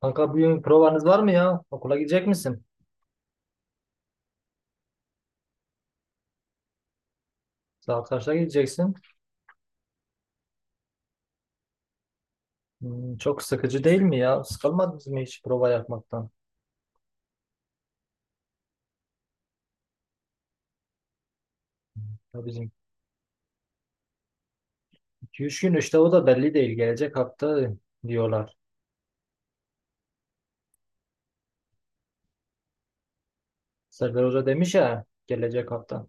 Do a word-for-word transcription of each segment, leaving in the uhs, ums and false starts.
Kanka bugün provanız var mı ya? Okula gidecek misin? Saat kaçta gideceksin? Hmm, çok sıkıcı değil mi ya? Sıkılmadınız mı hiç prova yapmaktan? Ya bizim iki üç gün işte o da belli değil. Gelecek hafta diyorlar. Serdar Hoca demiş ya gelecek hafta.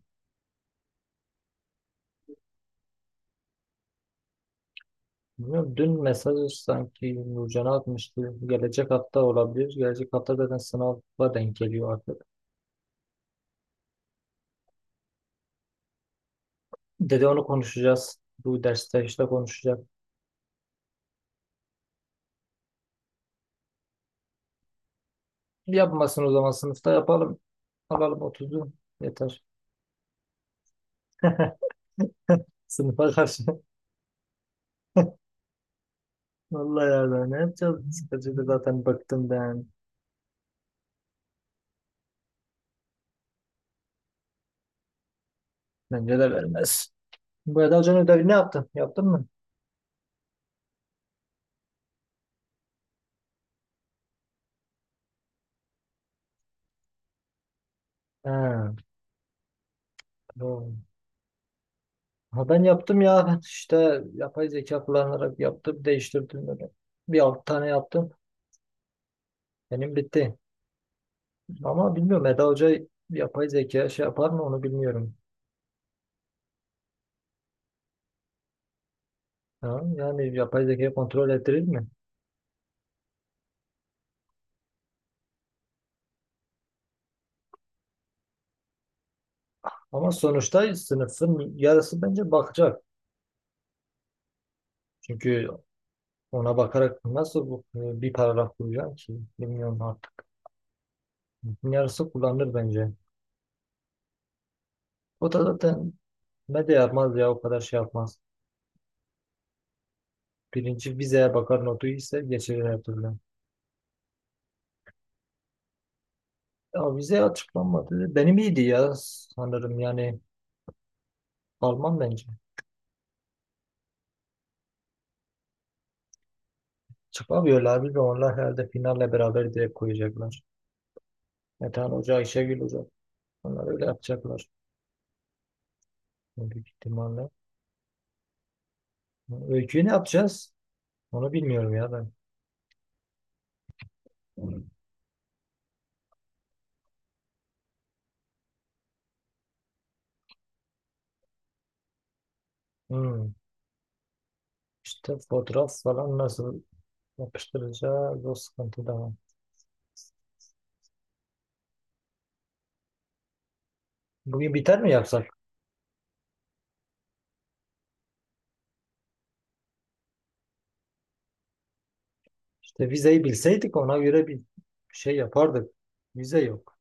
Bilmiyorum, dün mesaj sanki Nurcan'a atmıştı. Gelecek hafta olabilir. Gelecek hafta zaten sınava denk geliyor artık. Dedi onu konuşacağız. Bu derste işte konuşacak. Yapmasın o zaman sınıfta yapalım. Alalım otuzu, yeter. Sınıfa karşı. Vallahi ya ben ne yapacağız? Sıkıcıydı zaten bıktım ben. Bence de vermez. Bu Eda Hoca'nın ödevini ne yaptın? Yaptın mı? Ha, doğru. Ha, ben yaptım ya. Ben işte yapay zeka kullanarak yaptım. Değiştirdim böyle. Bir alt tane yaptım. Benim bitti. Ama bilmiyorum Eda Hoca yapay zeka şey yapar mı onu bilmiyorum. Ha, yani yapay zekayı kontrol ettirir mi? Ama sonuçta sınıfın yarısı bence bakacak. Çünkü ona bakarak nasıl bu, e, bir paragraf kuracağım ki? Bilmiyorum artık. Yarısı kullanılır bence. O da zaten ne de yapmaz ya o kadar şey yapmaz. Birinci vizeye bakar notu ise geçirir her türlü. Ya vize açıklanmadı. Benim iyiydi ya sanırım yani Alman bence. Çıkamıyorlar bir de onlar herhalde finalle beraber direkt koyacaklar. Metehan Hoca, Ayşegül Hoca. Onlar öyle yapacaklar. Büyük ihtimalle. Öyküyü ne yapacağız? Onu bilmiyorum ya ben. Hmm. İşte fotoğraf falan nasıl? Yapıştıracağız, o sıkıntı da var. Bugün biter mi yapsak? İşte vizeyi bilseydik ona göre bir şey yapardık. Vize yok.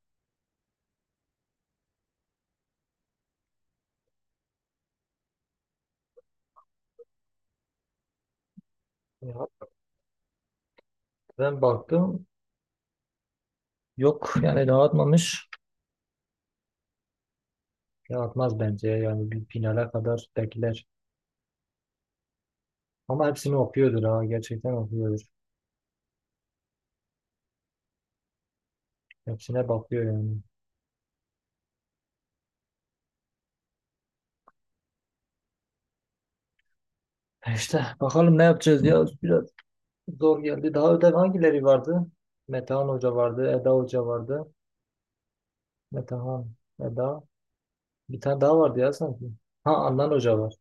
Ya, ben baktım yok yani dağıtmamış. Dağıtmaz bence yani bir finale kadar bekler. Ama hepsini okuyordur, ha gerçekten okuyordur. Hepsine bakıyor yani. E İşte bakalım ne yapacağız ya, biraz zor geldi. Daha ödev hangileri vardı? Metehan Hoca vardı, Eda Hoca vardı. Metehan, Eda. Bir tane daha vardı ya sanki. Ha, Adnan Hoca vardı.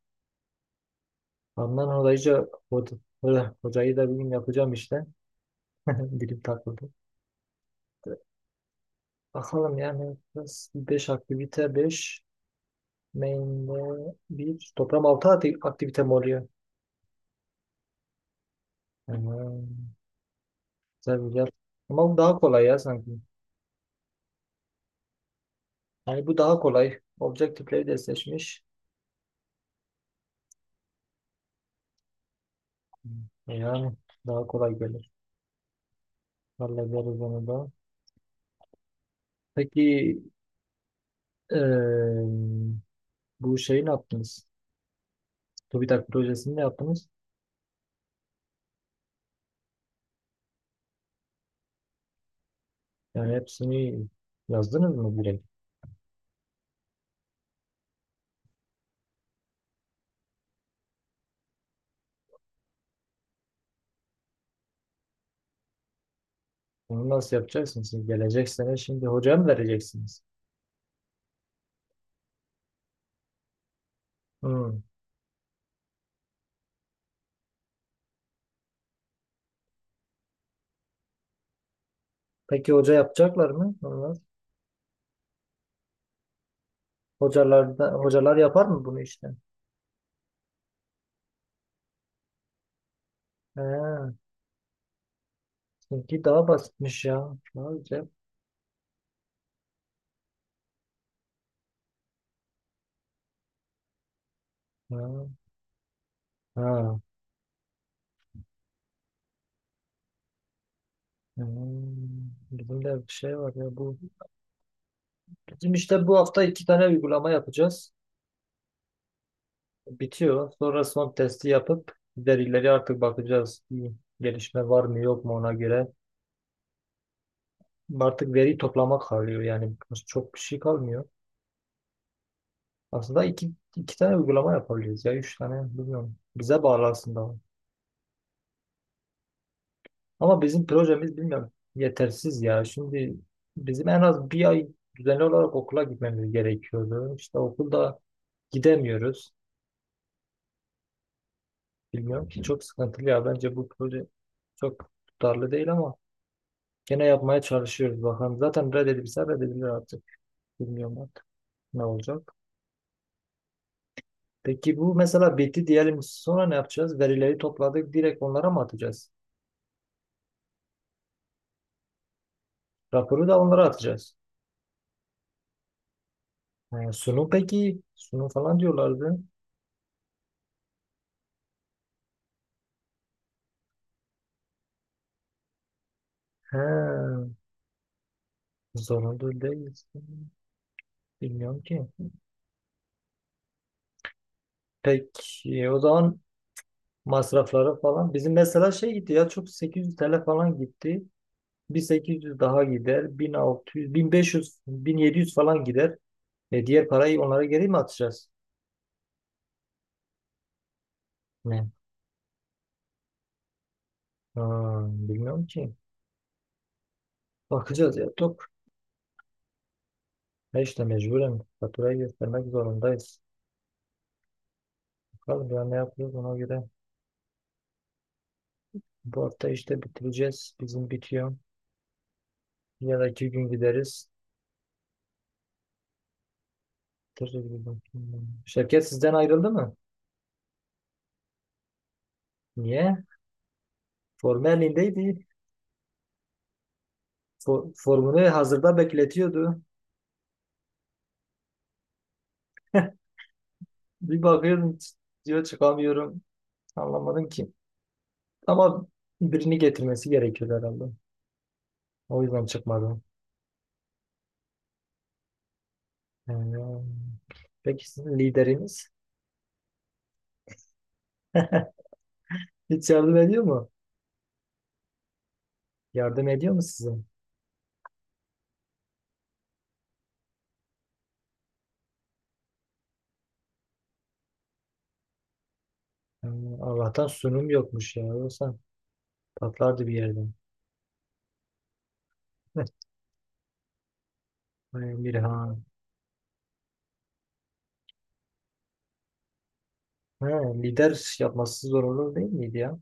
Handan hocayı, hoca, hoca- hocayı da bugün yapacağım işte. Dilim takıldı. Bakalım yani biraz beş aktivite, beş main'de bir toplam altı aktivite mi oluyor? Hmm, güzel güzel. Ama bu daha kolay ya sanki. Yani bu daha kolay. Objektifleri de seçmiş. Hmm, yani daha kolay gelir. Hallederiz onu da. Peki eee, bu şeyi ne yaptınız? TÜBİTAK projesini ne yaptınız? Yani hepsini yazdınız mı direkt? Bunu nasıl yapacaksınız? Siz gelecek, şimdi hocaya mı vereceksiniz? Hmm. Peki hoca yapacaklar mı? Onlar. Hocalar da, hocalar yapar mı bunu işte? He, çünkü daha basitmiş ya. Sadece. Ha. Ha. Hmm. Bizim de bir şey var ya bu. Bizim işte bu hafta iki tane uygulama yapacağız. Bitiyor. Sonra son testi yapıp verileri artık bakacağız. Bir gelişme var mı yok mu ona göre. Artık veri toplamak kalıyor yani çok bir şey kalmıyor. Aslında iki, iki tane uygulama yapabiliriz ya. Üç tane bilmiyorum. Bize bağlı aslında. Ama bizim projemiz bilmiyorum. Yetersiz ya. Şimdi bizim en az bir ay düzenli olarak okula gitmemiz gerekiyordu. İşte okulda gidemiyoruz. Bilmiyorum ki çok sıkıntılı ya. Bence bu proje çok tutarlı değil ama gene yapmaya çalışıyoruz bakalım. Zaten reddedilse reddedilir artık. Bilmiyorum artık ne olacak. Peki bu mesela bitti diyelim. Sonra ne yapacağız? Verileri topladık. Direkt onlara mı atacağız? Raporu da onlara atacağız. Ha, sunu peki. Sunu falan diyorlardı. He, zorunlu değilsin. Bilmiyorum ki. Peki o zaman masrafları falan. Bizim mesela şey gitti ya çok sekiz yüz T L falan gitti. Bir sekiz yüz daha gider. bin altı yüz, bin beş yüz, bin yedi yüz falan gider. E diğer parayı onlara geri mi atacağız? Ne? Ha, bilmiyorum ki. Bakacağız ya top. E işte mecburen faturayı göstermek zorundayız. Bakalım ya ne yapıyoruz ona göre. Bu hafta işte bitireceğiz. Bizim bitiyor. Ya da iki gün gideriz. Şirket sizden ayrıldı mı? Niye? Formu elindeydi. For- formunu hazırda bekletiyordu. Bir bakıyorum diyor çıkamıyorum. Anlamadım ki. Ama birini getirmesi gerekiyor herhalde. O yüzden çıkmadım. Ee, Peki sizin lideriniz hiç yardım ediyor mu? Yardım ediyor mu size? Ee, Allah'tan sunum yokmuş ya. Yoksa patlardı bir yerden. Ee, Mirhan. Ha, lider yapması zor olur değil miydi ya?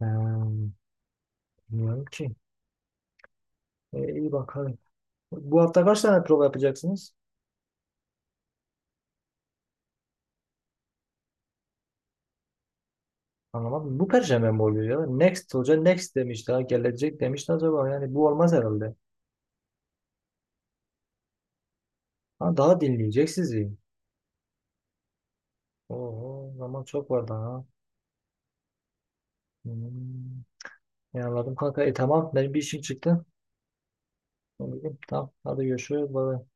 Ee, bilmiyorum ki. Ee, iyi bakalım. Bu hafta kaç tane prova yapacaksınız? Anlamadım. Bu perşembe mi oluyor ya? Next hoca next demiş, daha gelecek demişti acaba. Yani bu olmaz herhalde. Ha, daha dinleyecek sizi. Oo, zaman çok var daha. Hmm. Ya anladım kanka. E tamam, benim bir işim çıktı. Ne bileyim, tamam hadi görüşürüz. Bye.